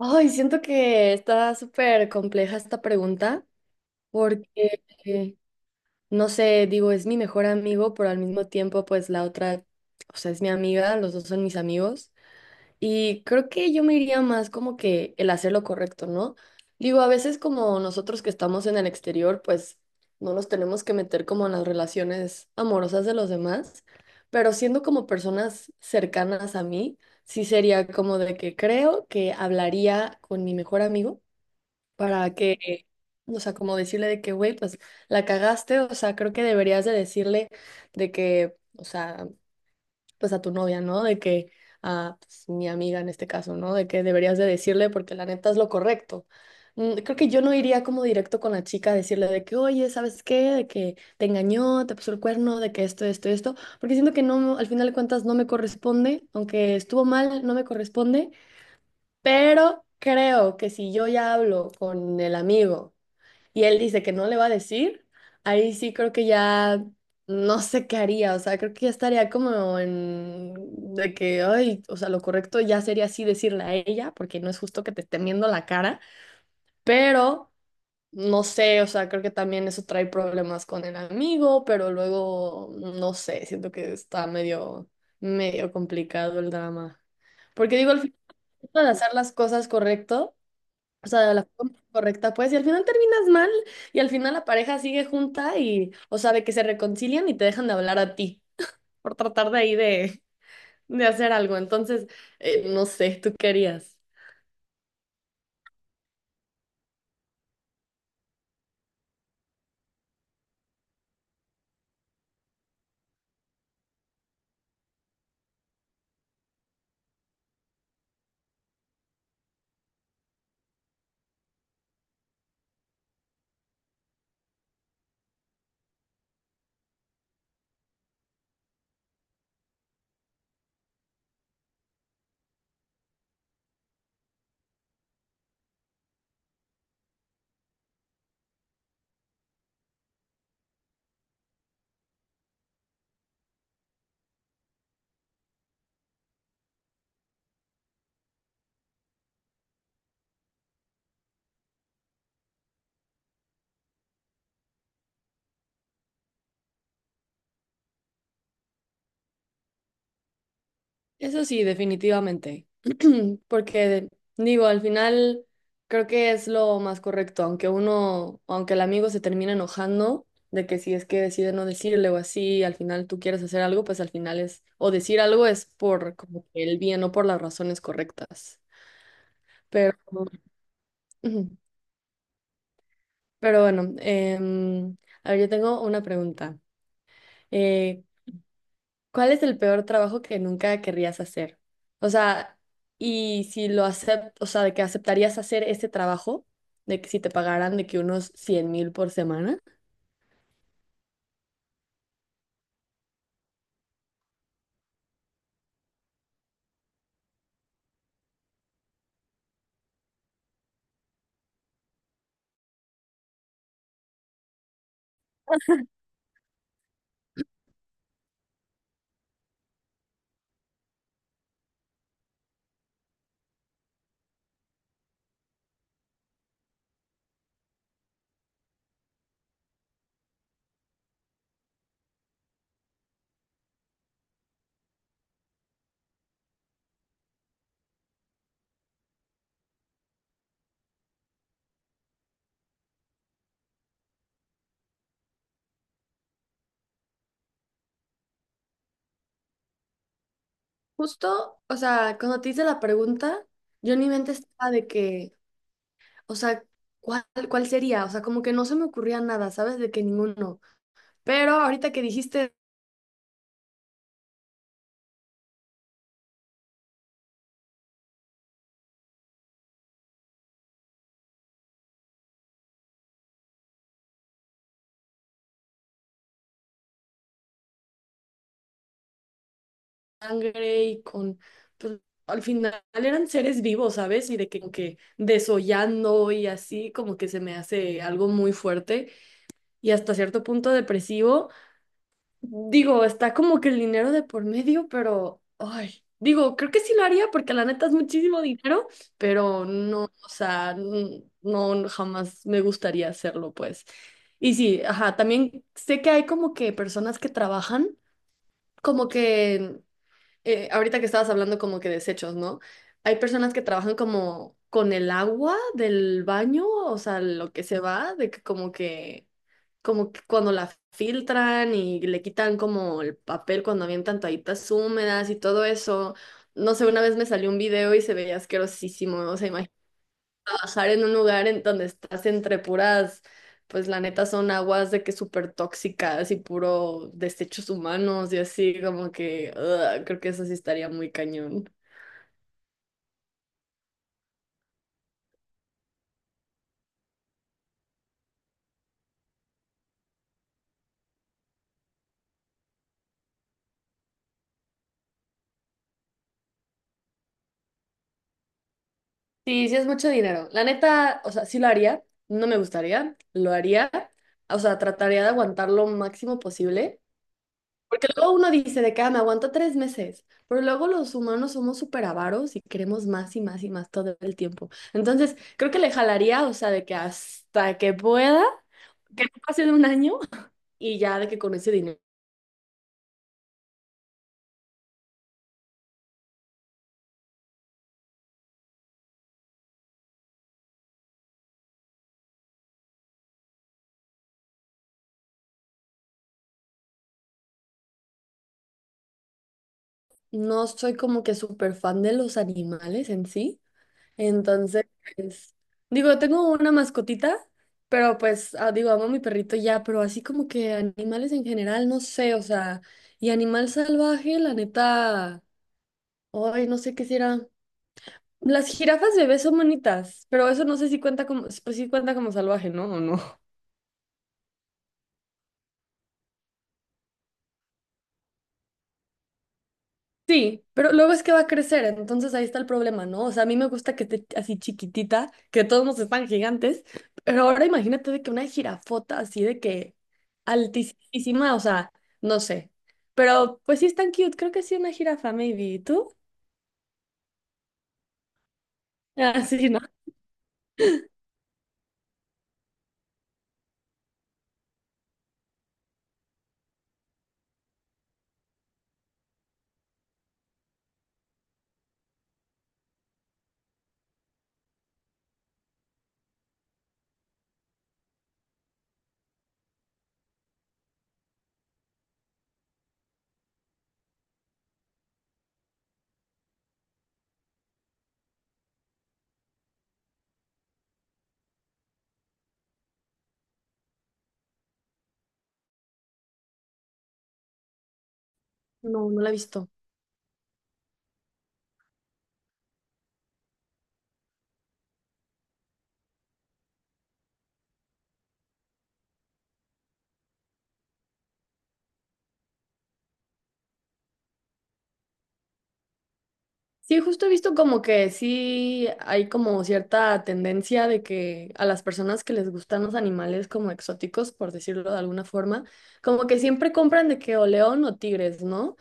Ay, siento que está súper compleja esta pregunta porque, no sé, digo, es mi mejor amigo, pero al mismo tiempo, pues la otra, o sea, es mi amiga, los dos son mis amigos. Y creo que yo me iría más como que el hacer lo correcto, ¿no? Digo, a veces como nosotros que estamos en el exterior, pues no nos tenemos que meter como en las relaciones amorosas de los demás, pero siendo como personas cercanas a mí, sí sería como de que creo que hablaría con mi mejor amigo para que, o sea, como decirle de que, güey, pues la cagaste, o sea, creo que deberías de decirle de que, o sea, pues a tu novia, ¿no? De que, a pues, mi amiga en este caso, ¿no? De que deberías de decirle porque la neta es lo correcto. Mm. Creo que yo no iría como directo con la chica a decirle de que, oye, ¿sabes qué? De que te engañó, te puso el cuerno, de que esto, porque siento que no, al final de cuentas no me corresponde, aunque estuvo mal, no me corresponde, pero creo que si yo ya hablo con el amigo y él dice que no le va a decir, ahí sí creo que ya no sé qué haría, o sea, creo que ya estaría como en de que, ay, o sea, lo correcto ya sería así decirle a ella, porque no es justo que te esté viendo la cara, pero no sé, o sea, creo que también eso trae problemas con el amigo, pero luego, no sé, siento que está medio, medio complicado el drama. Porque digo, al final de hacer las cosas correcto, o sea, de la forma correcta, pues, y al final terminas mal, y al final la pareja sigue junta y, o sea, de que se reconcilian y te dejan de hablar a ti por tratar de ahí de hacer algo. Entonces, no sé, ¿tú querías? Eso sí, definitivamente. Porque digo, al final creo que es lo más correcto, aunque uno, aunque el amigo se termine enojando de que si es que decide no decirle o así, al final tú quieres hacer algo, pues al final es, o decir algo es por como que el bien o por las razones correctas. Pero, ujú. Pero bueno, a ver, yo tengo una pregunta. Eh, ¿Cuál es el peor trabajo que nunca querrías hacer? O sea, y si lo aceptas, o sea, de que aceptarías hacer ese trabajo, de que si te pagaran de que unos 100.000 por semana. Justo, o sea, cuando te hice la pregunta, yo en mi mente estaba de que, o sea, ¿cuál, cuál sería? O sea, como que no se me ocurría nada, ¿sabes? De que ninguno. Pero ahorita que dijiste sangre y con, pues, al final eran seres vivos, ¿sabes? Y de que, como que desollando y así, como que se me hace algo muy fuerte y hasta cierto punto depresivo. Digo, está como que el dinero de por medio, pero, ay, digo, creo que sí lo haría porque la neta es muchísimo dinero, pero no, o sea, no, jamás me gustaría hacerlo, pues. Y sí, ajá, también sé que hay como que personas que trabajan como que ahorita que estabas hablando como que desechos, ¿no? Hay personas que trabajan como con el agua del baño, o sea, lo que se va, de que como que, como que cuando la filtran y le quitan como el papel cuando avientan toallitas húmedas y todo eso. No sé, una vez me salió un video y se veía asquerosísimo, o sea, bajar en un lugar en donde estás entre puras, pues la neta son aguas de que súper tóxicas y puro desechos humanos y así, como que ugh, creo que eso sí estaría muy cañón. Sí, sí es mucho dinero. La neta, o sea, sí lo haría, no me gustaría, lo haría, o sea, trataría de aguantar lo máximo posible. Porque luego uno dice de que: "Ah, me aguanto 3 meses", pero luego los humanos somos súper avaros y queremos más y más y más todo el tiempo. Entonces, creo que le jalaría, o sea, de que hasta que pueda que no pase de un año y ya de que con ese dinero. No soy como que súper fan de los animales en sí. Entonces, pues, digo, tengo una mascotita, pero pues, ah, digo, amo a mi perrito ya, pero así como que animales en general, no sé, o sea, y animal salvaje, la neta, ay, no sé qué será. Las jirafas bebés son bonitas, pero eso no sé si cuenta como, pues sí cuenta como salvaje, ¿no? ¿O no? Sí, pero luego es que va a crecer, entonces ahí está el problema, ¿no? O sea, a mí me gusta que esté así chiquitita, que todos nos están gigantes, pero ahora imagínate de que una jirafota así de que altísima, o sea, no sé. Pero pues sí es tan cute, creo que sí una jirafa, maybe. ¿Y tú? Ah, sí, ¿no? No, no la he visto. Sí, justo he visto como que sí hay como cierta tendencia de que a las personas que les gustan los animales como exóticos, por decirlo de alguna forma, como que siempre compran de que o león o tigres, ¿no?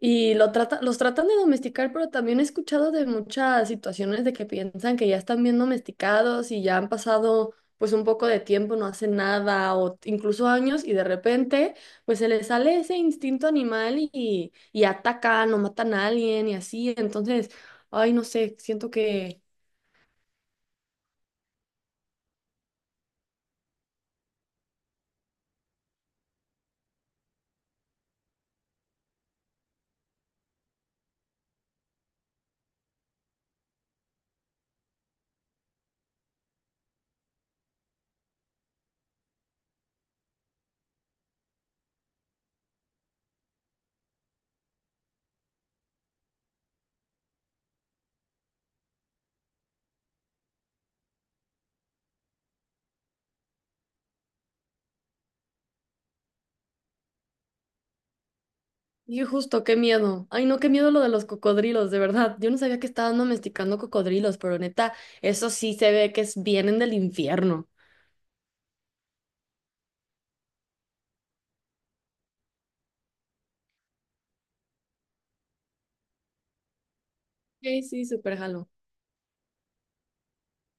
Y lo trata- los tratan de domesticar, pero también he escuchado de muchas situaciones de que piensan que ya están bien domesticados y ya han pasado pues un poco de tiempo, no hacen nada o incluso años y de repente pues se les sale ese instinto animal y atacan o matan a alguien y así. Entonces, ay, no sé, siento que... Y justo, qué miedo. Ay, no, qué miedo lo de los cocodrilos, de verdad. Yo no sabía que estaban domesticando cocodrilos, pero neta, eso sí se ve que es, vienen del infierno. Sí, sí, súper jalo.